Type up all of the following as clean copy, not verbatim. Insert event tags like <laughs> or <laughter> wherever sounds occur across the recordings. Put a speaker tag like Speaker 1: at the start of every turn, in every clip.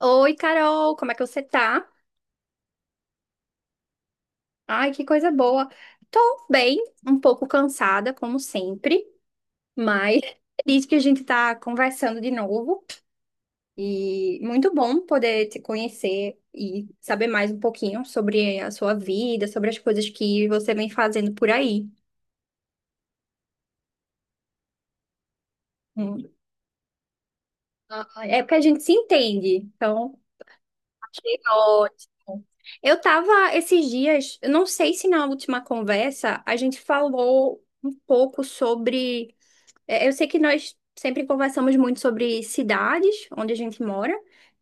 Speaker 1: Oi, Carol, como é que você tá? Ai, que coisa boa. Tô bem, um pouco cansada, como sempre, mas feliz que a gente tá conversando de novo. E muito bom poder te conhecer e saber mais um pouquinho sobre a sua vida, sobre as coisas que você vem fazendo por aí. Hum. Ah, é porque a gente se entende, então achei ótimo. Eu tava esses dias, eu não sei se na última conversa a gente falou um pouco sobre eu sei que nós sempre conversamos muito sobre cidades onde a gente mora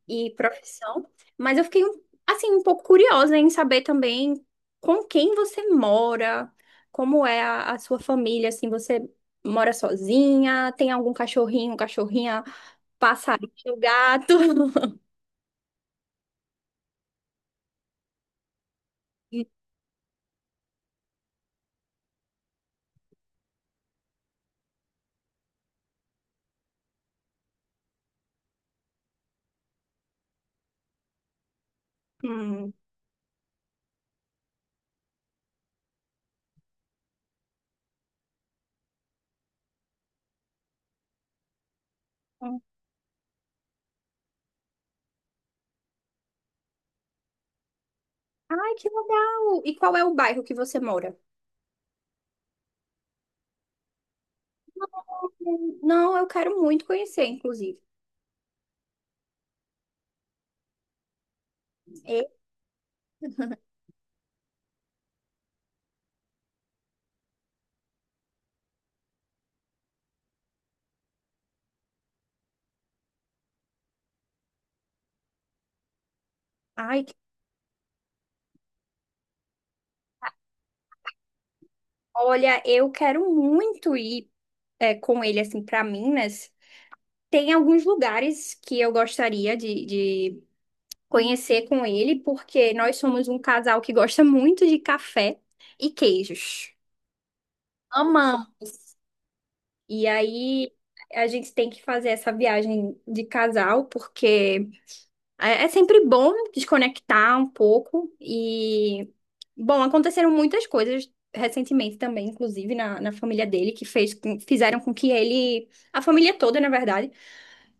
Speaker 1: e profissão, mas assim um pouco curiosa em saber também com quem você mora, como é a sua família, assim, você mora sozinha, tem algum cachorrinho, cachorrinha, passarinho, um gato? <laughs> Hum. Ai, que legal! E qual é o bairro que você mora? Não, eu quero muito conhecer, inclusive. E- Ai, olha, eu quero muito ir é, com ele assim para Minas. Tem alguns lugares que eu gostaria de conhecer com ele, porque nós somos um casal que gosta muito de café e queijos. Amamos. E aí a gente tem que fazer essa viagem de casal, porque é sempre bom desconectar um pouco e, bom, aconteceram muitas coisas recentemente também, inclusive na, na família dele, fizeram com que ele, a família toda, na verdade,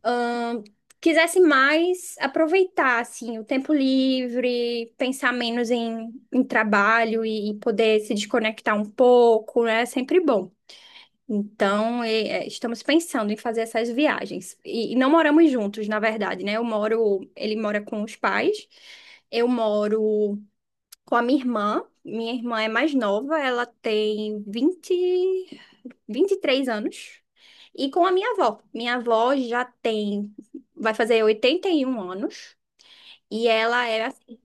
Speaker 1: ahn, quisesse mais aproveitar, assim, o tempo livre, pensar menos em, em trabalho e poder se desconectar um pouco, né? É sempre bom. Então, é, estamos pensando em fazer essas viagens. E não moramos juntos, na verdade, né? Eu moro, ele mora com os pais, eu moro com a minha irmã. Minha irmã é mais nova, ela tem 20, 23 anos. E com a minha avó. Minha avó já tem, vai fazer 81 anos. E ela era assim,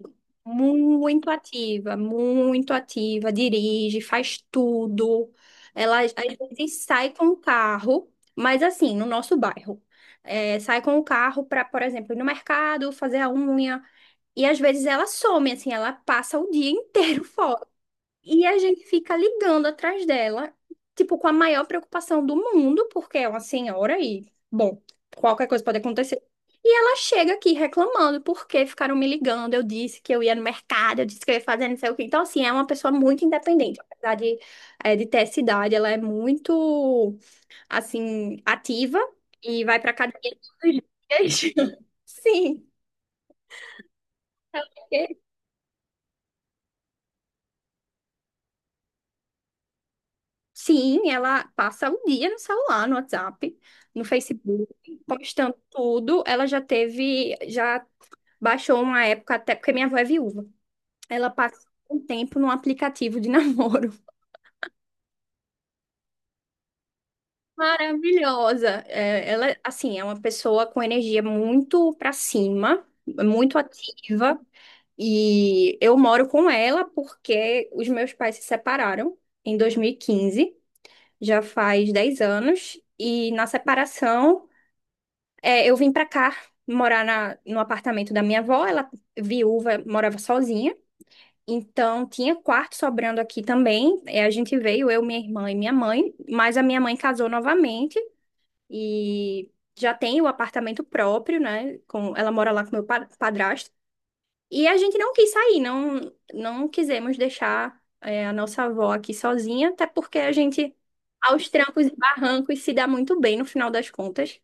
Speaker 1: muito ativa, dirige, faz tudo. Ela às vezes sai com o carro, mas assim, no nosso bairro. É, sai com o carro para, por exemplo, ir no mercado, fazer a unha. E às vezes ela some, assim, ela passa o dia inteiro <laughs> fora. E a gente fica ligando atrás dela, tipo, com a maior preocupação do mundo, porque é uma senhora e, bom, qualquer coisa pode acontecer. E ela chega aqui reclamando porque ficaram me ligando. Eu disse que eu ia no mercado, eu disse que eu ia fazer não sei o quê. Então, assim, é uma pessoa muito independente. Apesar de, de ter essa idade, ela é muito, assim, ativa e vai pra academia todos os dias. <laughs> Sim. Sim, ela passa o dia no celular, no WhatsApp, no Facebook, postando tudo. Ela já teve, já baixou uma época, até porque minha avó é viúva. Ela passa um tempo num aplicativo de <laughs> namoro. Maravilhosa. É, ela, assim, é uma pessoa com energia muito pra cima, muito ativa. E eu moro com ela porque os meus pais se separaram em 2015, já faz 10 anos. E na separação. É, eu vim pra cá morar no apartamento da minha avó, ela viúva, morava sozinha. Então tinha quarto sobrando aqui também. É, a gente veio, eu, minha irmã e minha mãe, mas a minha mãe casou novamente e já tem o apartamento próprio, né? Com, ela mora lá com padrasto. E a gente não quis sair, não quisemos deixar, é, a nossa avó aqui sozinha, até porque a gente, aos trancos e barrancos, se dá muito bem no final das contas.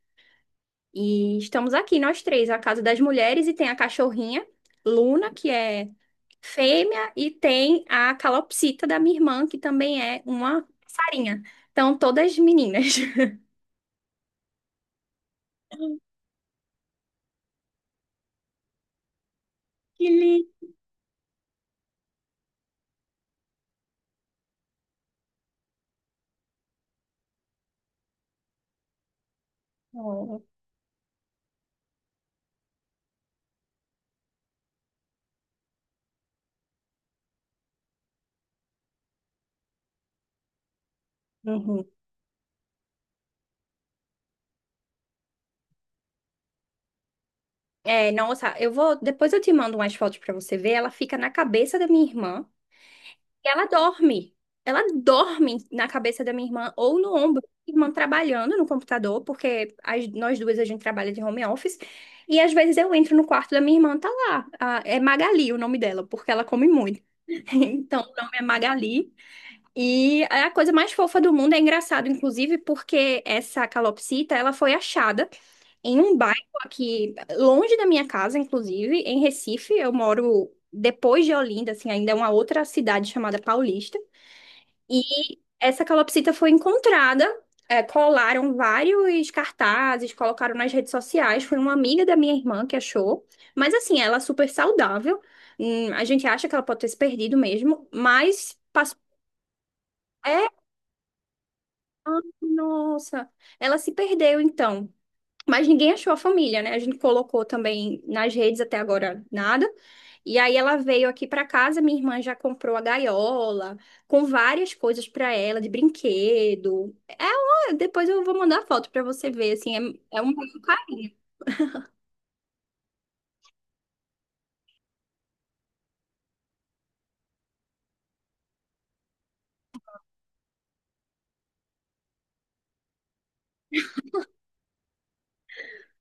Speaker 1: E estamos aqui, nós três, a Casa das Mulheres, e tem a cachorrinha, Luna, que é fêmea, e tem a calopsita da minha irmã, que também é uma sarinha. Então, todas meninas. <laughs> Que lindo. Uhum. É, nossa, eu vou. Depois eu te mando umas fotos pra você ver. Ela fica na cabeça da minha irmã. E ela dorme. Ela dorme na cabeça da minha irmã ou no ombro. Minha irmã trabalhando no computador, porque nós duas a gente trabalha de home office. E às vezes eu entro no quarto da minha irmã, tá lá. É Magali o nome dela, porque ela come muito. <laughs> Então o nome é Magali. E é a coisa mais fofa do mundo. É engraçado, inclusive, porque essa calopsita, ela foi achada em um bairro aqui, longe da minha casa, inclusive, em Recife. Eu moro depois de Olinda, assim, ainda é uma outra cidade chamada Paulista. E essa calopsita foi encontrada, é, colaram vários cartazes, colocaram nas redes sociais. Foi uma amiga da minha irmã que achou. Mas assim, ela é super saudável. A gente acha que ela pode ter se perdido mesmo, mas passou. É, nossa, ela se perdeu então. Mas ninguém achou a família, né? A gente colocou também nas redes, até agora nada. E aí ela veio aqui para casa, minha irmã já comprou a gaiola, com várias coisas para ela, de brinquedo. É, depois eu vou mandar foto para você ver, assim, é, é um maior carinho.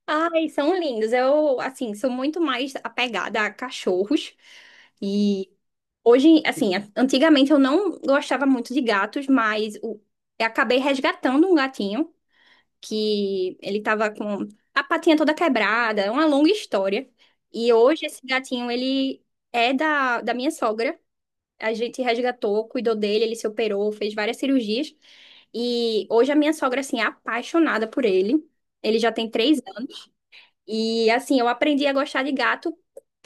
Speaker 1: Ai, são lindos. Eu, assim, sou muito mais apegada a cachorros. E hoje, assim, antigamente eu não gostava muito de gatos, mas eu acabei resgatando um gatinho que ele tava com a patinha toda quebrada, é uma longa história. E hoje esse gatinho, ele é da minha sogra. A gente resgatou, cuidou dele, ele se operou, fez várias cirurgias. E hoje a minha sogra, assim, é apaixonada por ele. Ele já tem três e assim, eu aprendi a gostar de gato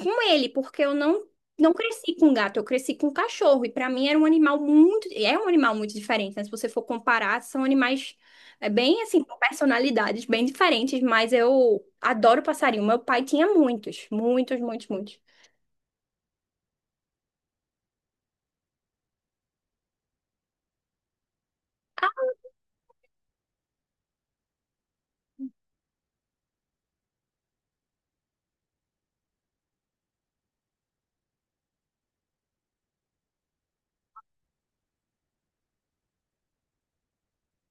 Speaker 1: com ele, porque eu não cresci com gato, eu cresci com cachorro. E para mim era um animal muito, é um animal muito diferente, né? Se você for comparar, são animais é bem assim, com personalidades bem diferentes, mas eu adoro passarinho. Meu pai tinha muitos, muitos, muitos, muitos.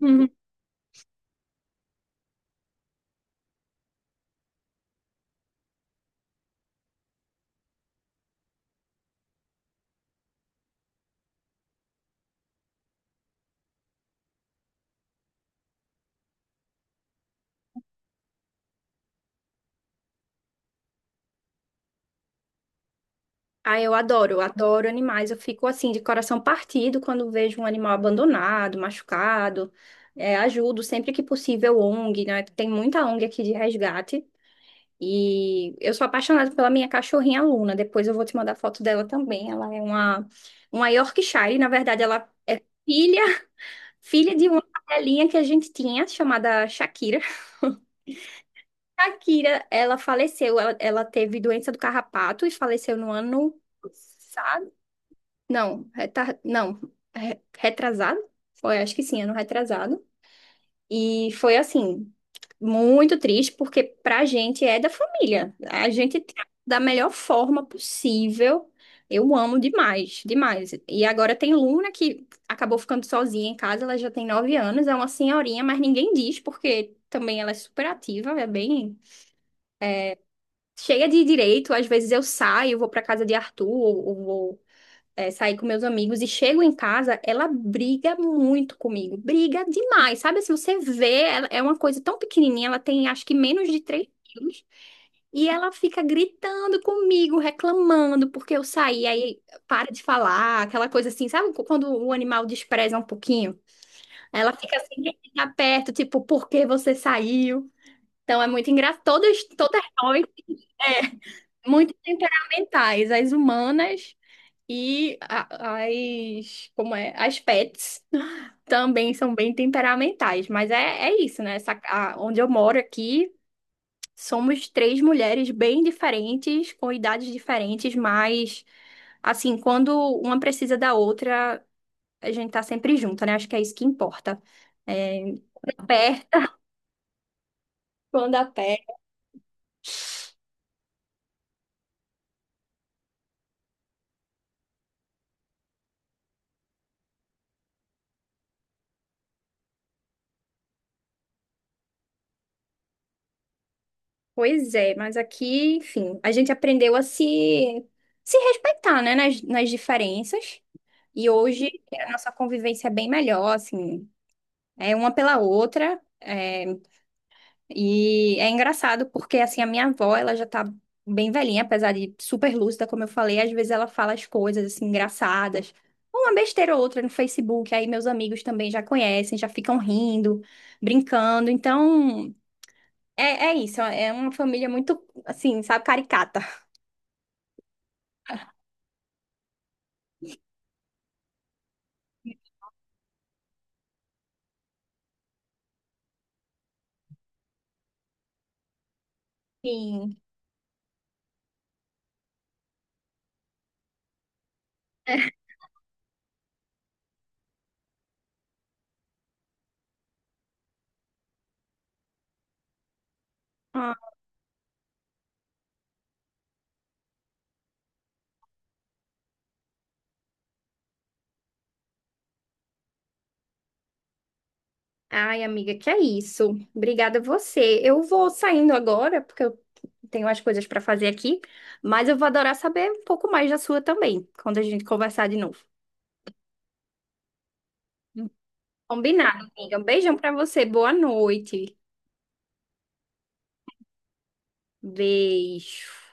Speaker 1: Uhum. Ah, eu adoro animais. Eu fico assim de coração partido quando vejo um animal abandonado, machucado. É, ajudo sempre que possível ONG, né? Tem muita ONG aqui de resgate. E eu sou apaixonada pela minha cachorrinha Luna. Depois eu vou te mandar foto dela também. Ela é uma Yorkshire. Na verdade, ela é filha, <laughs> filha de uma cadelinha que a gente tinha, chamada Shakira. <laughs> Shakira, ela faleceu. Ela teve doença do carrapato e faleceu no ano passado. Não, retar, não, re- retrasado? Foi, acho que sim, ano retrasado. E foi assim, muito triste, porque pra gente é da família. A gente trata da melhor forma possível. Eu amo demais, demais. E agora tem Luna que acabou ficando sozinha em casa, ela já tem 9 anos, é uma senhorinha, mas ninguém diz, porque também ela é super ativa, é bem cheia de direito. Às vezes eu saio, vou pra casa de Arthur, ou vou é, sair com meus amigos e chego em casa, ela briga muito comigo, briga demais, sabe? Se você vê, ela é uma coisa tão pequenininha, ela tem acho que menos de 3 quilos, e ela fica gritando comigo, reclamando, porque eu saí, aí para de falar, aquela coisa assim, sabe? Quando o animal despreza um pouquinho, ela fica assim, quem tá perto, tipo, por que você saiu? Então é muito engraçado, todas nós, é, muito temperamentais, as humanas e as, como é? As pets também são bem temperamentais, mas é, é isso, né? Essa, onde eu moro aqui, somos três mulheres bem diferentes, com idades diferentes, mas assim, quando uma precisa da outra, a gente tá sempre junto, né? Acho que é isso que importa. É, perto, quando a pois é, mas aqui, enfim, a gente aprendeu a se, se respeitar, né? Nas diferenças. E hoje a nossa convivência é bem melhor, assim, é uma pela outra. É, e é engraçado porque, assim, a minha avó, ela já tá bem velhinha, apesar de super lúcida, como eu falei, às vezes ela fala as coisas, assim, engraçadas. Uma besteira ou outra no Facebook, aí meus amigos também já conhecem, já ficam rindo, brincando. Então, é, é isso, é uma família muito, assim, sabe, caricata. Sim. Ai, amiga, que é isso. Obrigada a você. Eu vou saindo agora, porque eu tenho umas coisas para fazer aqui, mas eu vou adorar saber um pouco mais da sua também, quando a gente conversar de novo. Combinado, amiga. Um beijão para você. Boa noite. Beijo.